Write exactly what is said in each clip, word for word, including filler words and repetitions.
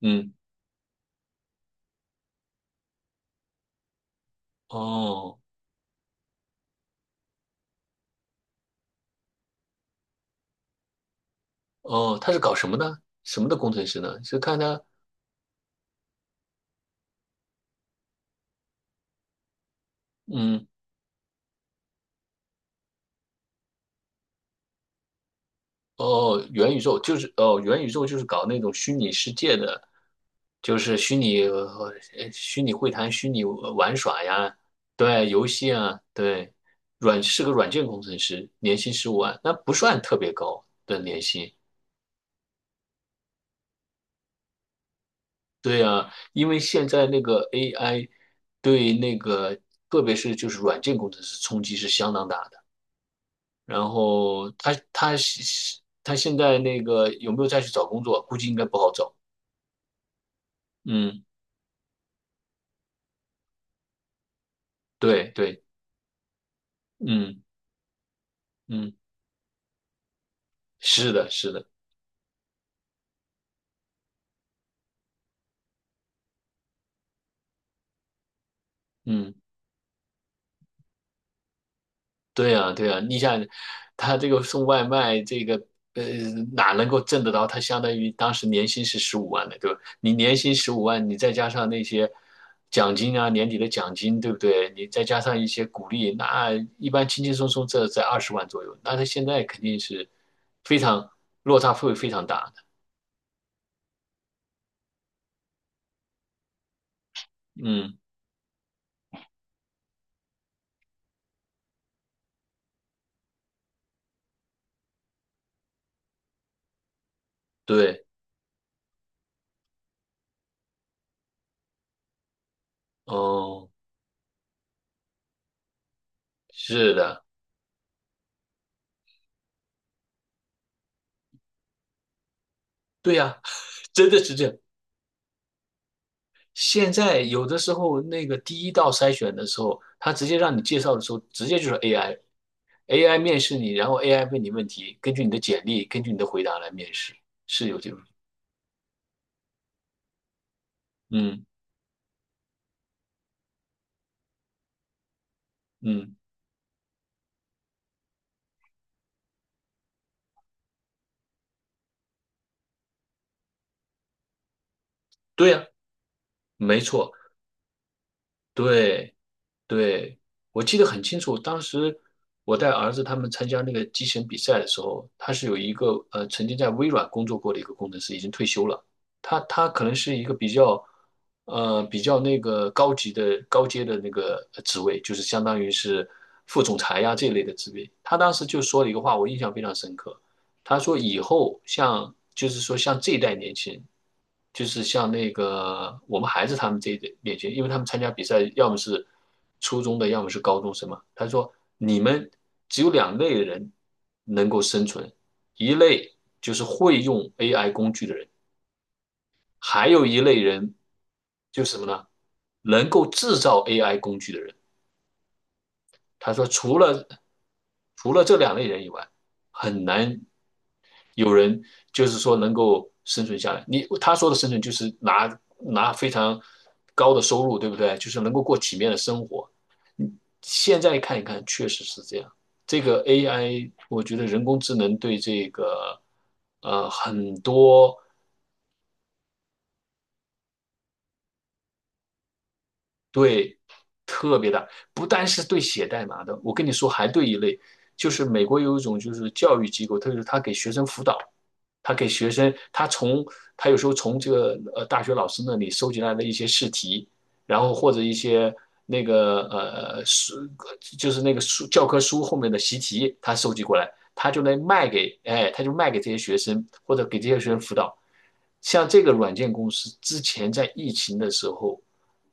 嗯，哦哦，他是搞什么的？什么的工程师呢？是看他。嗯。哦，元宇宙就是，哦，元宇宙就是搞那种虚拟世界的，就是虚拟呃虚拟会谈、虚拟玩耍呀。对，游戏啊，对，软是个软件工程师，年薪十五万，那不算特别高的年薪。对呀，因为现在那个 A I 对那个，特别是就是软件工程师冲击是相当大的。然后他他是他现在那个有没有再去找工作？估计应该不好找。嗯，对对，嗯嗯，是的，是的，嗯。对呀，对呀，你想，他这个送外卖，这个呃，哪能够挣得到？他相当于当时年薪是十五万的，对吧？你年薪十五万，你再加上那些奖金啊，年底的奖金，对不对？你再加上一些鼓励，那一般轻轻松松这在二十万左右。那他现在肯定是非常落差会非常大的。嗯，对，哦，是的，对呀，真的是这样。现在有的时候那个第一道筛选的时候，他直接让你介绍的时候，直接就是 A I，A I 面试你，然后 A I 问你问题，根据你的简历，根据你的回答来面试，是有这种。嗯嗯，对呀，没错，对。对，我记得很清楚，当时我带儿子他们参加那个机器人比赛的时候，他是有一个呃曾经在微软工作过的一个工程师，已经退休了。他他可能是一个比较呃比较那个高级的高阶的那个呃职位，就是相当于是副总裁呀、这类的职位。他当时就说了一个话，我印象非常深刻。他说以后像就是说像这一代年轻人，就是像那个我们孩子他们这一代年轻人，因为他们参加比赛要么是初中的，要么是高中生嘛。他说你们只有两类人能够生存，一类就是会用 A I 工具的人，还有一类人就是什么呢？能够制造 A I 工具的人。他说除了除了这两类人以外，很难有人就是说能够生存下来。你他说的生存就是拿拿非常高的收入，对不对？就是能够过体面的生活。现在看一看，确实是这样。这个 A I，我觉得人工智能对这个呃很多对，特别大。不单是对写代码的，我跟你说，还对一类，就是美国有一种就是教育机构，特别是他给学生辅导，他给学生，他从他有时候从这个呃大学老师那里收集来的一些试题，然后或者一些那个呃呃书，就是那个书教科书后面的习题，他收集过来，他就能卖给，哎，他就卖给这些学生，或者给这些学生辅导。像这个软件公司之前在疫情的时候，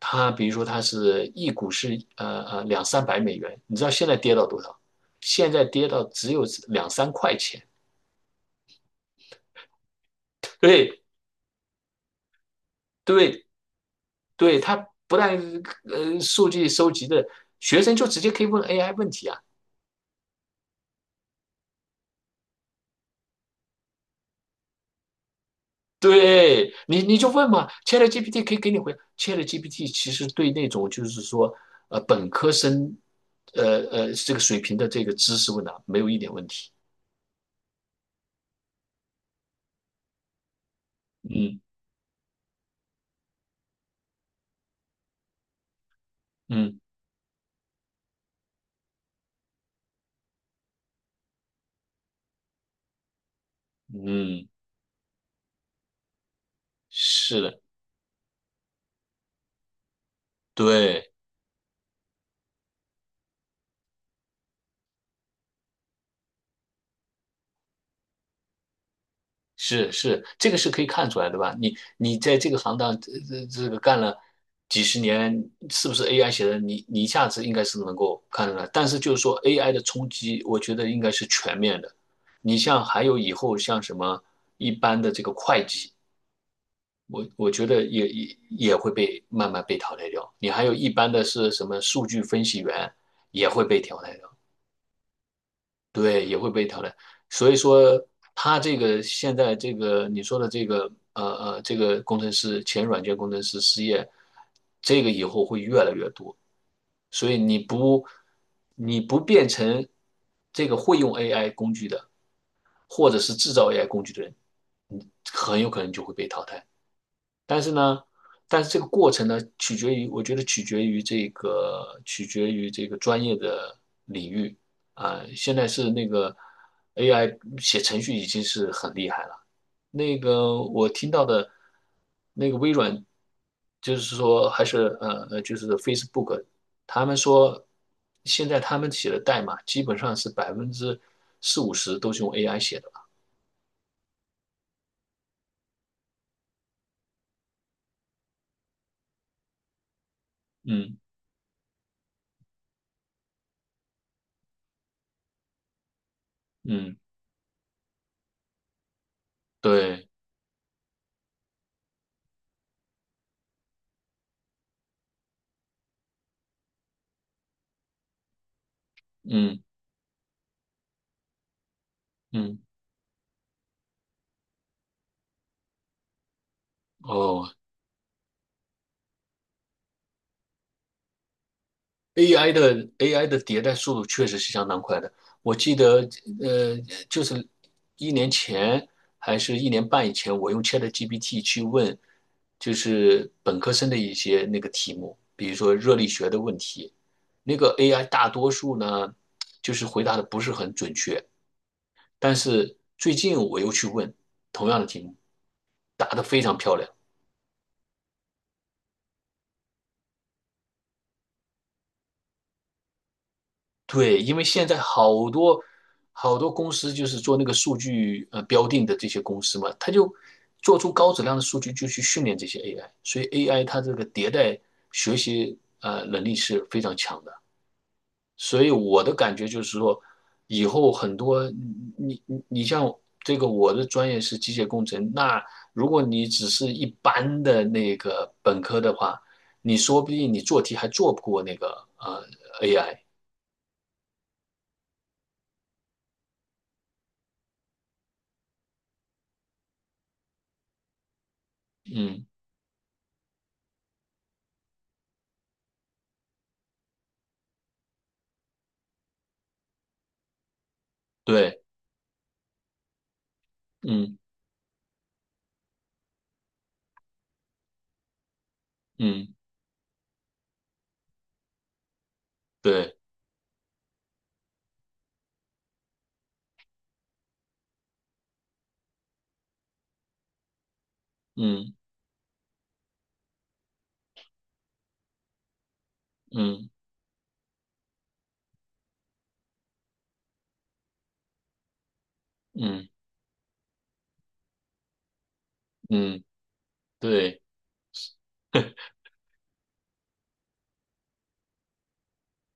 它比如说它是一股是呃呃两三百美元，你知道现在跌到多少？现在跌到只有两三块钱。对对对，它不但呃数据收集的，学生就直接可以问 A I 问题啊。对你，你就问嘛，ChatGPT 可以给你回。ChatGPT 其实对那种就是说，呃，本科生，呃呃，这个水平的这个知识问答没有一点问题。嗯嗯嗯，是的，对。是是，这个是可以看出来的吧？你你在这个行当这这这个干了几十年，是不是 A I 写的？你你一下子应该是能够看出来。但是就是说 A I 的冲击，我觉得应该是全面的。你像还有以后像什么一般的这个会计，我我觉得也也也会被慢慢被淘汰掉。你还有一般的是什么数据分析员也会被淘汰掉。对，也会被淘汰。所以说，他这个现在这个你说的这个呃呃，这个工程师前软件工程师失业，这个以后会越来越多。所以你不你不变成这个会用 A I 工具的，或者是制造 A I 工具的人，你很有可能就会被淘汰。但是呢，但是这个过程呢，取决于我觉得取决于这个取决于这个专业的领域啊、现在是那个 A I 写程序已经是很厉害了。那个我听到的，那个微软就是说还是呃呃，就是 Facebook，他们说现在他们写的代码基本上是百分之四五十都是用 A I 写的吧？嗯嗯，对，嗯嗯，哦，A I 的 A I 的迭代速度确实是相当快的。我记得，呃，就是一年前还是一年半以前，我用 ChatGPT 去问，就是本科生的一些那个题目，比如说热力学的问题，那个 A I 大多数呢，就是回答的不是很准确。但是最近我又去问同样的题目，答得非常漂亮。对，因为现在好多好多公司就是做那个数据呃标定的这些公司嘛，它就做出高质量的数据，就去训练这些 A I，所以 A I 它这个迭代学习呃能力是非常强的。所以我的感觉就是说，以后很多你你你像这个我的专业是机械工程，那如果你只是一般的那个本科的话，你说不定你做题还做不过那个呃 A I。嗯。对。嗯嗯，对，嗯嗯嗯嗯，对，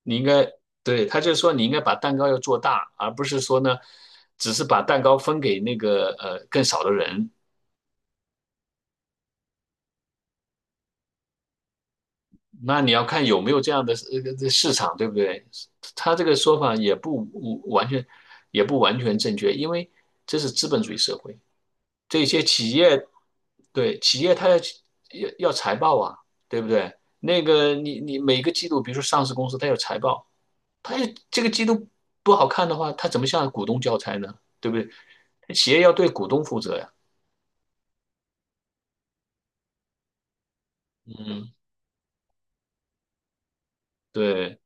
你应该，对，他就说你应该把蛋糕要做大，而不是说呢，只是把蛋糕分给那个呃更少的人。那你要看有没有这样的呃这市场，对不对？他这个说法也不完全，也不完全正确，因为这是资本主义社会，这些企业，对，企业它要要要财报啊，对不对？那个你你每个季度，比如说上市公司，它有财报。他这个季度不好看的话，他怎么向股东交差呢？对不对？企业要对股东负责呀。嗯，对，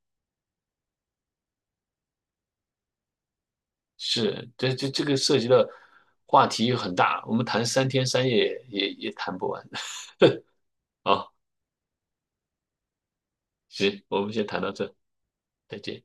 是，这这这个涉及的话题很大，我们谈三天三夜也也也谈不完。好，行，我们先谈到这，再见。